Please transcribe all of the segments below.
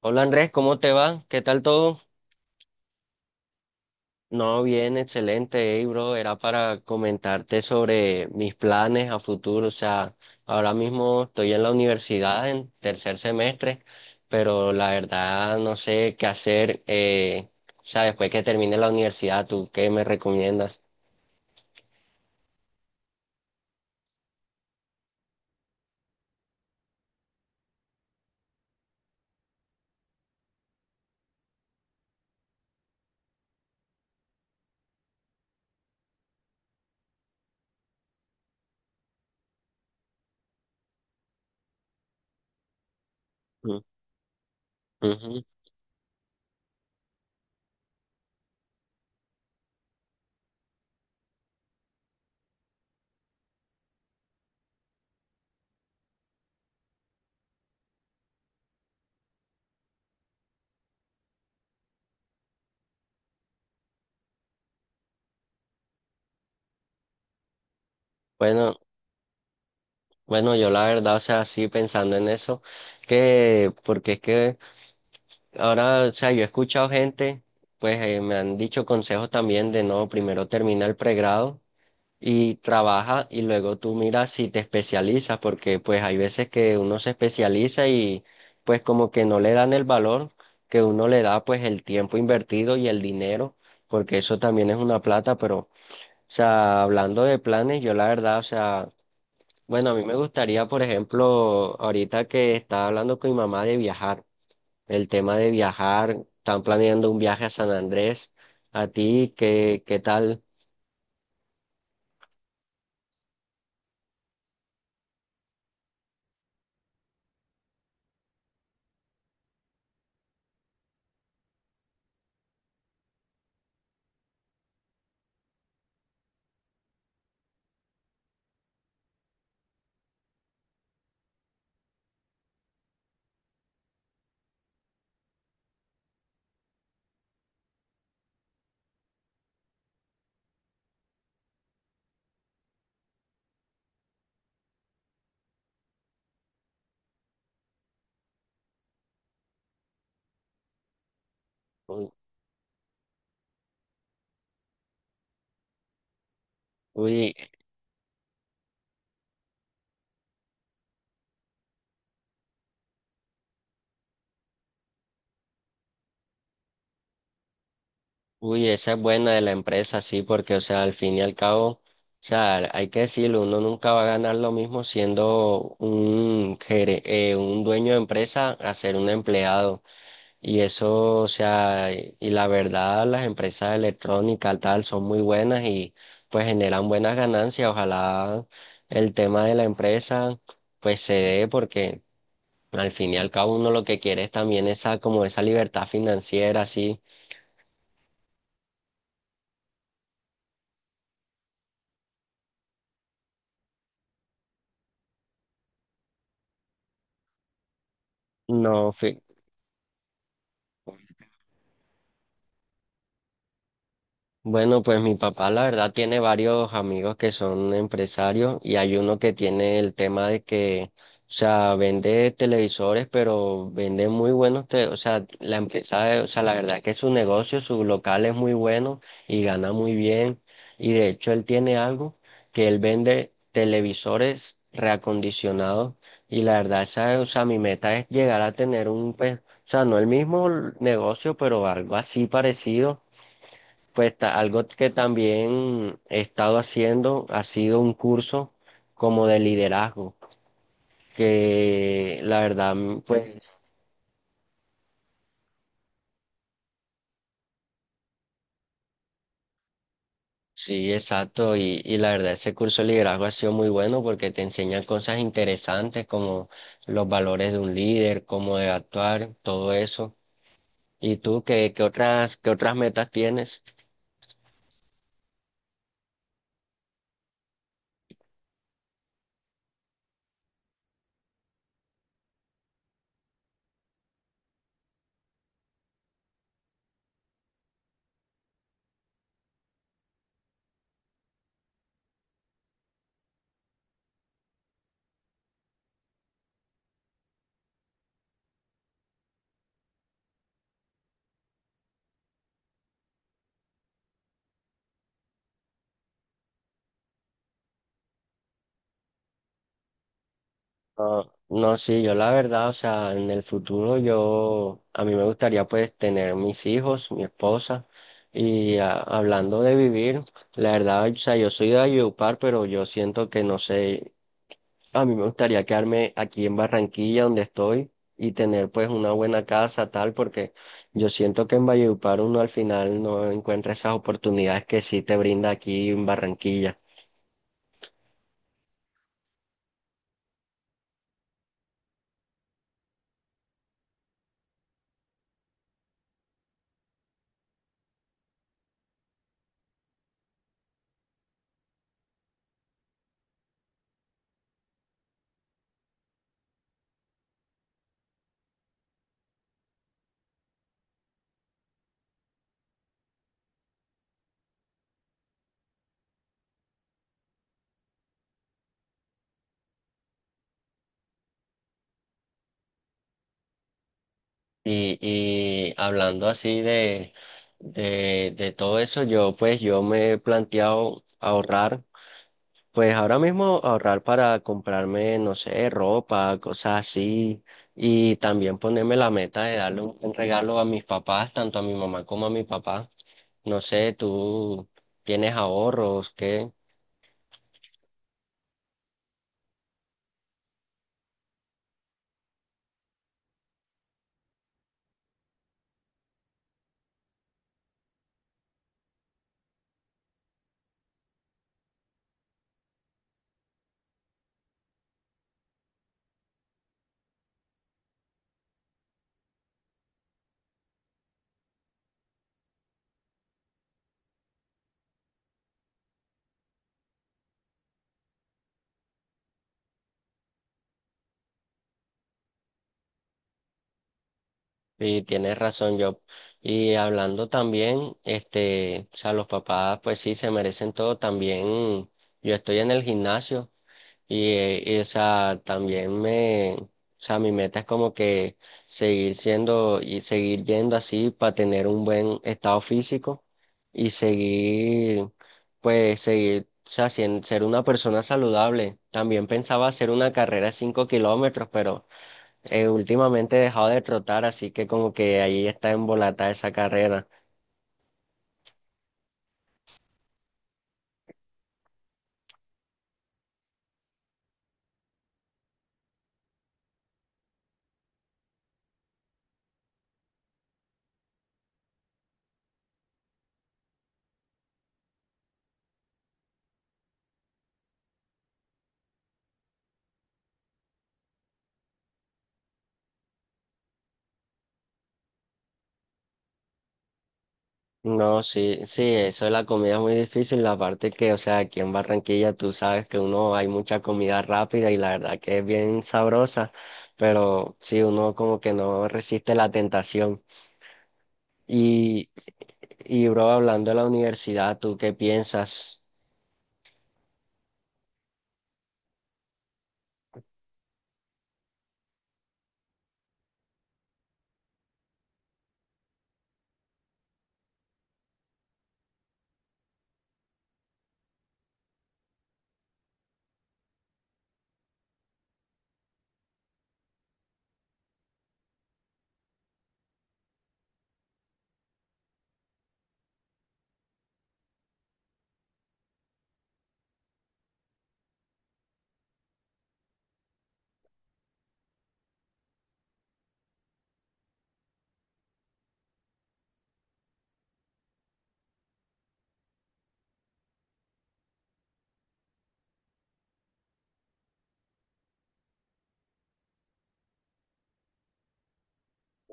Hola Andrés, ¿cómo te va? ¿Qué tal todo? No, bien, excelente, hey, bro. Era para comentarte sobre mis planes a futuro. O sea, ahora mismo estoy en la universidad en tercer semestre, pero la verdad no sé qué hacer. O sea, después que termine la universidad, ¿tú qué me recomiendas? Mm, ujú. Bueno. Bueno, yo la verdad, o sea, sí pensando en eso, que porque es que ahora, o sea, yo he escuchado gente, pues me han dicho consejos también de no, primero termina el pregrado y trabaja y luego tú miras si te especializas, porque pues hay veces que uno se especializa y pues como que no le dan el valor que uno le da, pues el tiempo invertido y el dinero, porque eso también es una plata, pero, o sea, hablando de planes, yo la verdad, o sea... Bueno, a mí me gustaría, por ejemplo, ahorita que estaba hablando con mi mamá de viajar, el tema de viajar, están planeando un viaje a San Andrés. ¿A ti qué, qué tal? Uy, uy, uy, esa es buena de la empresa, sí, porque, o sea, al fin y al cabo, o sea, hay que decirlo, uno nunca va a ganar lo mismo siendo un, gere- un dueño de empresa a ser un empleado. Y eso, o sea, y la verdad, las empresas electrónicas tal son muy buenas y pues generan buenas ganancias. Ojalá el tema de la empresa pues se dé porque al fin y al cabo uno lo que quiere es también esa como esa libertad financiera, así, no, fi- Bueno, pues mi papá la verdad tiene varios amigos que son empresarios y hay uno que tiene el tema de que, o sea, vende televisores, pero vende muy buenos, te- o sea, la empresa, o sea, la verdad es que su negocio, su local es muy bueno y gana muy bien. Y de hecho él tiene algo que él vende televisores reacondicionados y la verdad esa, o sea, mi meta es llegar a tener un, pues, o sea, no el mismo negocio, pero algo así parecido, pues ta- algo que también he estado haciendo ha sido un curso como de liderazgo, que la verdad, mm, pues sí, exacto, y la verdad ese curso de liderazgo ha sido muy bueno porque te enseñan cosas interesantes como los valores de un líder, cómo de actuar, todo eso. ¿Y tú qué, qué otras metas tienes? No, no, sí, yo la verdad, o sea, en el futuro yo, a mí me gustaría pues tener mis hijos, mi esposa, y a- hablando de vivir, la verdad, o sea, yo soy de Valledupar, pero yo siento que no sé, a mí me gustaría quedarme aquí en Barranquilla donde estoy y tener pues una buena casa tal, porque yo siento que en Valledupar uno al final no encuentra esas oportunidades que sí te brinda aquí en Barranquilla. Y hablando así de todo eso, yo pues yo me he planteado ahorrar, pues ahora mismo ahorrar para comprarme, no sé, ropa, cosas así, y también ponerme la meta de darle un buen regalo a mis papás, tanto a mi mamá como a mi papá. No sé, ¿tú tienes ahorros, qué? Y tienes razón, Job. Y hablando también, este, o sea, los papás, pues sí, se merecen todo. También yo estoy en el gimnasio y, o sea, también me, o sea, mi meta es como que seguir siendo y seguir yendo así para tener un buen estado físico y seguir, pues seguir, o sea, sien- ser una persona saludable. También pensaba hacer una carrera de 5 kilómetros, pero últimamente he dejado de trotar, así que como que ahí está embolatada esa carrera. No, sí, sí, eso de la comida es muy difícil, la parte que, o sea, aquí en Barranquilla tú sabes que uno hay mucha comida rápida y la verdad que es bien sabrosa, pero sí, uno como que no resiste la tentación. Y, y bro, hablando de la universidad, ¿tú qué piensas?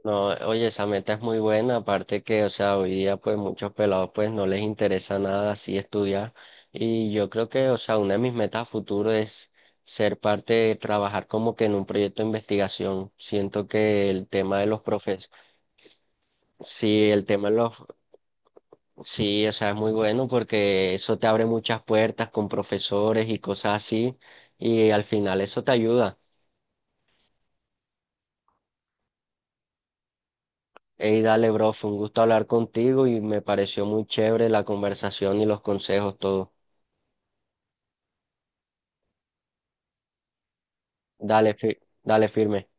No, oye, esa meta es muy buena, aparte que, o sea, hoy día pues muchos pelados pues no les interesa nada así estudiar y yo creo que, o sea, una de mis metas a futuro es ser parte de trabajar como que en un proyecto de investigación. Siento que el tema de los profes, sí, el tema de los, sí, o sea, es muy bueno porque eso te abre muchas puertas con profesores y cosas así y al final eso te ayuda. Hey, dale, bro, fue un gusto hablar contigo y me pareció muy chévere la conversación y los consejos, todo. Dale, fi- dale firme.